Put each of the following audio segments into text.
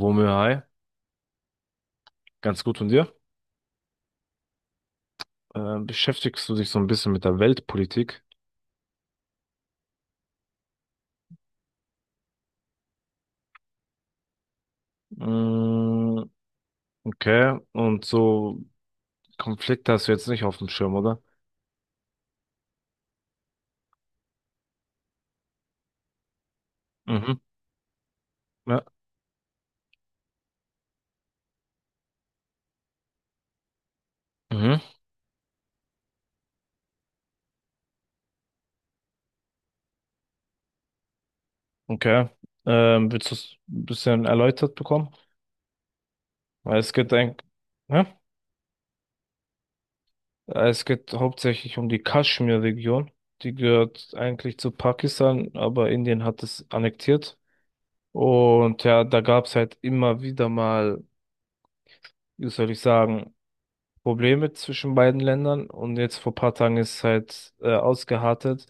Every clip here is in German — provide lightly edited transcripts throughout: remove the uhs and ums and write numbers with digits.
Womö, hi, ganz gut von dir. Beschäftigst du dich so ein bisschen mit der Weltpolitik? Mm, okay, und so Konflikte hast du jetzt nicht auf dem Schirm, oder? Mhm, ja, mhm, okay. Willst du es ein bisschen erläutert bekommen? Weil es geht ein, ja? Es geht hauptsächlich um die Kaschmir-Region. Die gehört eigentlich zu Pakistan, aber Indien hat es annektiert. Und ja, da gab es halt immer wieder mal, wie soll ich sagen, Probleme zwischen beiden Ländern und jetzt vor paar Tagen ist halt ausgeartet.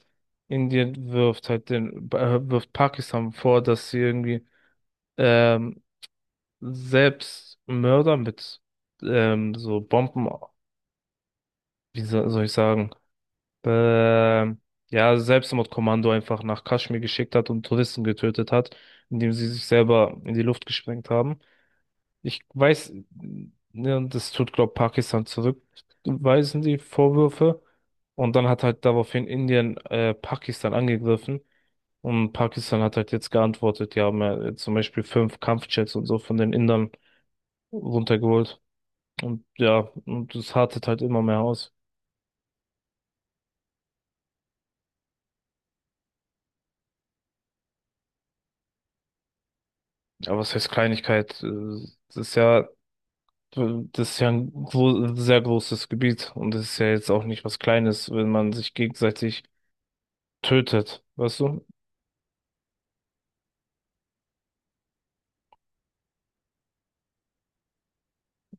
Indien wirft halt wirft Pakistan vor, dass sie irgendwie ähm, selbst Mörder mit so Bomben, soll ich sagen, ähm, ja, Selbstmordkommando einfach nach Kaschmir geschickt hat und Touristen getötet hat, indem sie sich selber in die Luft gesprengt haben. Ich weiß, ne, und das tut, glaube Pakistan zurückweisen, die Vorwürfe. Und dann hat halt daraufhin Indien Pakistan angegriffen. Und Pakistan hat halt jetzt geantwortet, die haben zum Beispiel fünf Kampfjets und so von den Indern runtergeholt. Und ja, und das hartet halt immer mehr aus. Aber was heißt Kleinigkeit? Das ist ja ein gro sehr großes Gebiet. Und das ist ja jetzt auch nicht was Kleines, wenn man sich gegenseitig tötet. Weißt du?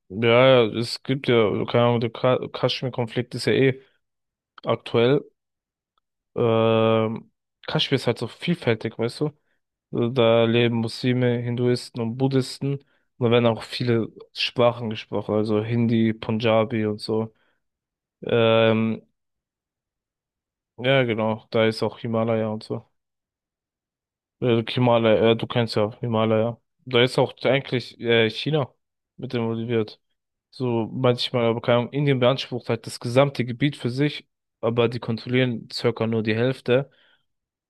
Ja, ja, es gibt ja, also keine Ahnung, der Kaschmir-Konflikt ist ja eh aktuell. Ähm, Kaschmir ist halt so vielfältig, weißt du? Also da leben Muslime, Hinduisten und Buddhisten. Und da werden auch viele Sprachen gesprochen, also Hindi, Punjabi und so. Ähm, ja, genau, da ist auch Himalaya und so. Okay, Himalaya, du kennst ja Himalaya. Da ist auch eigentlich China mit involviert. So manchmal, aber keine Ahnung, Indien beansprucht halt das gesamte Gebiet für sich, aber die kontrollieren circa nur die Hälfte.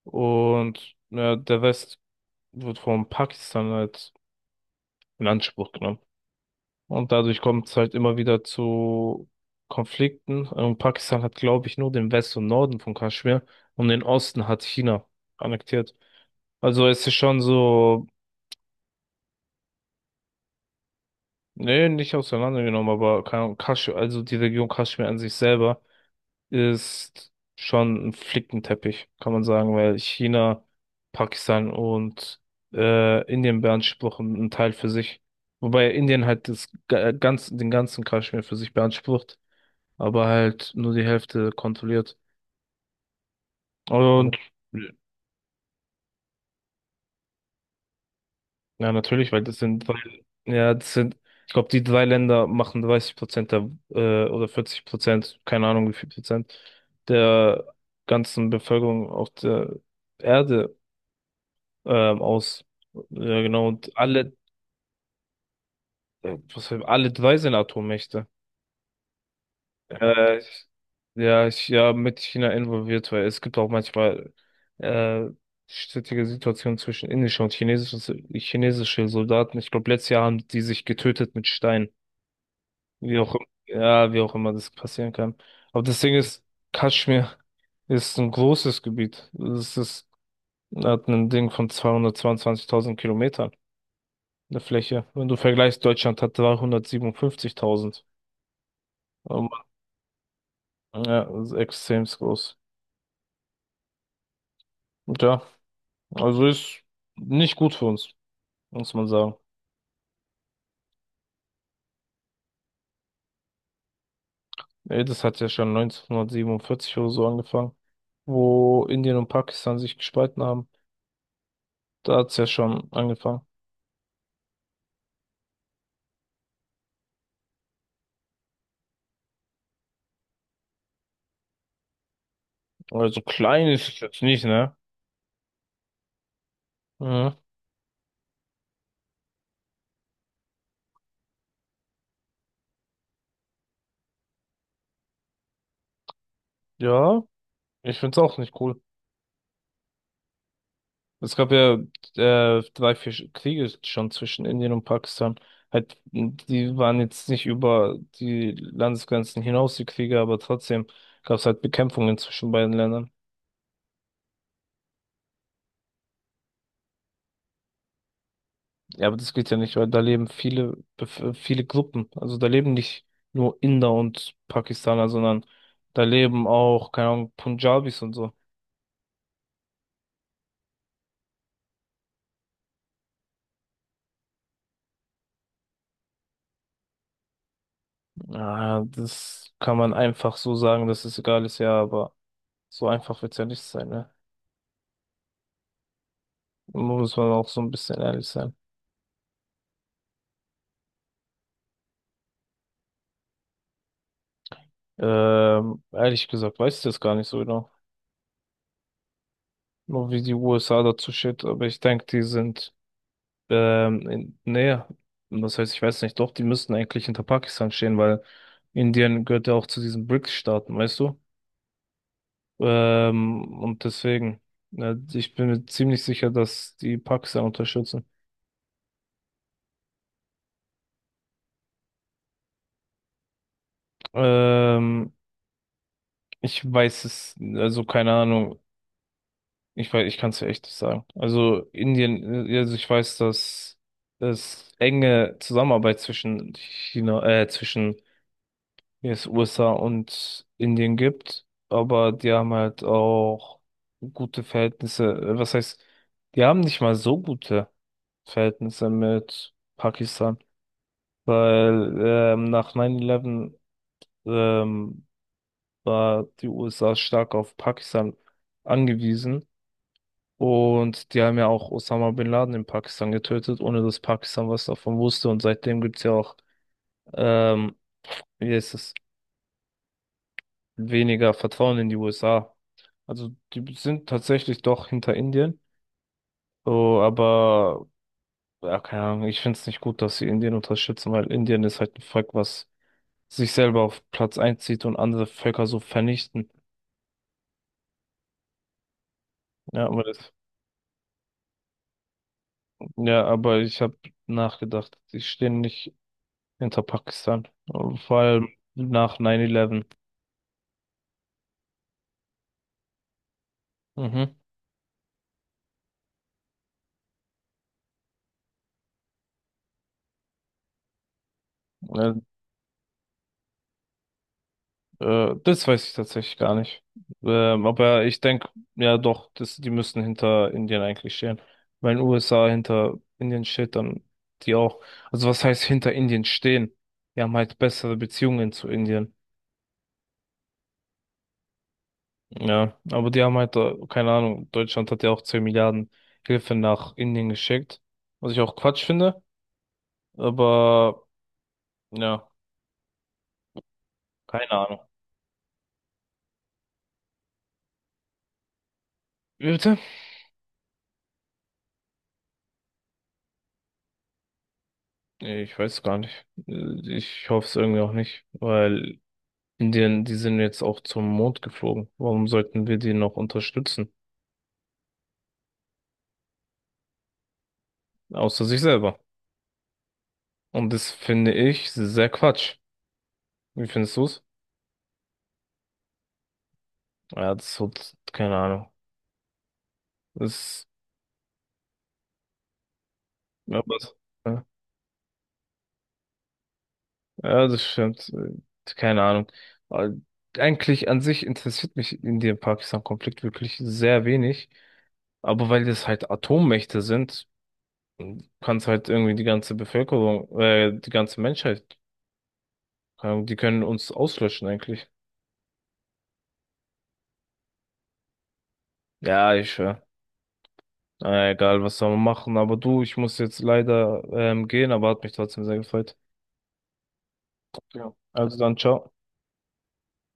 Und ja, der Rest wird von Pakistan halt in Anspruch genommen. Und dadurch kommt es halt immer wieder zu Konflikten. Und Pakistan hat, glaube ich, nur den West und Norden von Kaschmir und den Osten hat China annektiert. Also es ist schon so. Nee, nicht auseinandergenommen, aber keine Ahnung, Kasch, also die Region Kaschmir an sich selber ist schon ein Flickenteppich, kann man sagen, weil China, Pakistan und Indien beanspruchen einen Teil für sich. Wobei Indien halt das ganz, den ganzen Kaschmir für sich beansprucht, aber halt nur die Hälfte kontrolliert. Und ja. Ja, natürlich, weil das sind, ja, das sind, ich glaube, die drei Länder machen 30% der, oder 40%, keine Ahnung wie viel Prozent der ganzen Bevölkerung auf der Erde, aus. Ja, genau, und alle, was, alle drei sind Atommächte. Äh, ich, ja, ich, ja, mit China involviert, weil es gibt auch manchmal, äh, strittige Situationen zwischen indischer und chinesischer, chinesische Soldaten. Ich glaube, letztes Jahr haben die sich getötet mit Steinen. Wie auch, ja, wie auch immer das passieren kann. Aber das Ding ist, Kaschmir ist ein großes Gebiet. Es ist, hat ein Ding von 222.000 Kilometern, eine Fläche. Wenn du vergleichst, Deutschland hat 357.000. Ähm, ja, das ist extrem groß. Und ja, also ist nicht gut für uns, muss man sagen. Ey, das hat ja schon 1947 oder so angefangen, wo Indien und Pakistan sich gespalten haben. Da hat's ja schon angefangen. Aber so klein ist es jetzt nicht, ne? Mhm. Ja, ich find's auch nicht cool. Es gab ja drei, vier Kriege schon zwischen Indien und Pakistan. Halt, die waren jetzt nicht über die Landesgrenzen hinaus, die Kriege, aber trotzdem gab's halt Bekämpfungen zwischen beiden Ländern. Ja, aber das geht ja nicht, weil da leben viele, viele Gruppen. Also da leben nicht nur Inder und Pakistaner, sondern da leben auch, keine Ahnung, Punjabis und so. Ah, das kann man einfach so sagen, dass es egal ist, ja, aber so einfach wird's ja nicht sein, ne? Muss man auch so ein bisschen ehrlich sein. Ehrlich gesagt, weiß ich das gar nicht so genau. Nur wie die USA dazu steht, aber ich denke, die sind in näher. Das heißt, ich weiß nicht, doch, die müssten eigentlich hinter Pakistan stehen, weil Indien gehört ja auch zu diesen BRICS-Staaten, weißt du? Und deswegen, ne, ich bin mir ziemlich sicher, dass die Pakistan unterstützen. Ähm, Ich weiß es, also keine Ahnung. Ich weiß, ich kann es echt nicht sagen. Also Indien, also ich weiß, dass es enge Zusammenarbeit zwischen zwischen jetzt USA und Indien gibt, aber die haben halt auch gute Verhältnisse. Was heißt, die haben nicht mal so gute Verhältnisse mit Pakistan, weil nach 9/11 ähm, war die USA stark auf Pakistan angewiesen. Und die haben ja auch Osama Bin Laden in Pakistan getötet, ohne dass Pakistan was davon wusste. Und seitdem gibt's ja auch, ähm, wie heißt es, weniger Vertrauen in die USA. Also die sind tatsächlich doch hinter Indien. So, aber ja, keine Ahnung, ich finde es nicht gut, dass sie Indien unterstützen, weil Indien ist halt ein Volk, was sich selber auf Platz einzieht und andere Völker so vernichten. Ja, aber das, ja, aber ich habe nachgedacht, die stehen nicht hinter Pakistan. Vor allem nach 9/11. Mhm. Ja, das weiß ich tatsächlich gar nicht. Aber ich denke, ja doch, das, die müssen hinter Indien eigentlich stehen. Wenn USA hinter Indien steht, dann die auch. Also was heißt hinter Indien stehen? Die haben halt bessere Beziehungen zu Indien. Ja, aber die haben halt, keine Ahnung, Deutschland hat ja auch 10 Milliarden Hilfe nach Indien geschickt. Was ich auch Quatsch finde. Aber ja, keine Ahnung. Wie bitte? Nee, ich weiß gar nicht. Ich hoffe es irgendwie auch nicht, weil Indien, die sind jetzt auch zum Mond geflogen. Warum sollten wir die noch unterstützen? Außer sich selber. Und das finde ich sehr Quatsch. Wie findest du's? Ja, das hat keine Ahnung. Das, ja, was? Ja, ja, das stimmt. Keine Ahnung. Aber eigentlich an sich interessiert mich Indien-Pakistan-Konflikt wirklich sehr wenig. Aber weil das halt Atommächte sind, kann es halt irgendwie die ganze Bevölkerung, die ganze Menschheit, keine Ahnung, die können uns auslöschen eigentlich. Ja, ich schwör. Egal, was soll man machen. Aber du, ich muss jetzt leider gehen, aber hat mich trotzdem sehr gefreut. Ja. Also dann, ciao.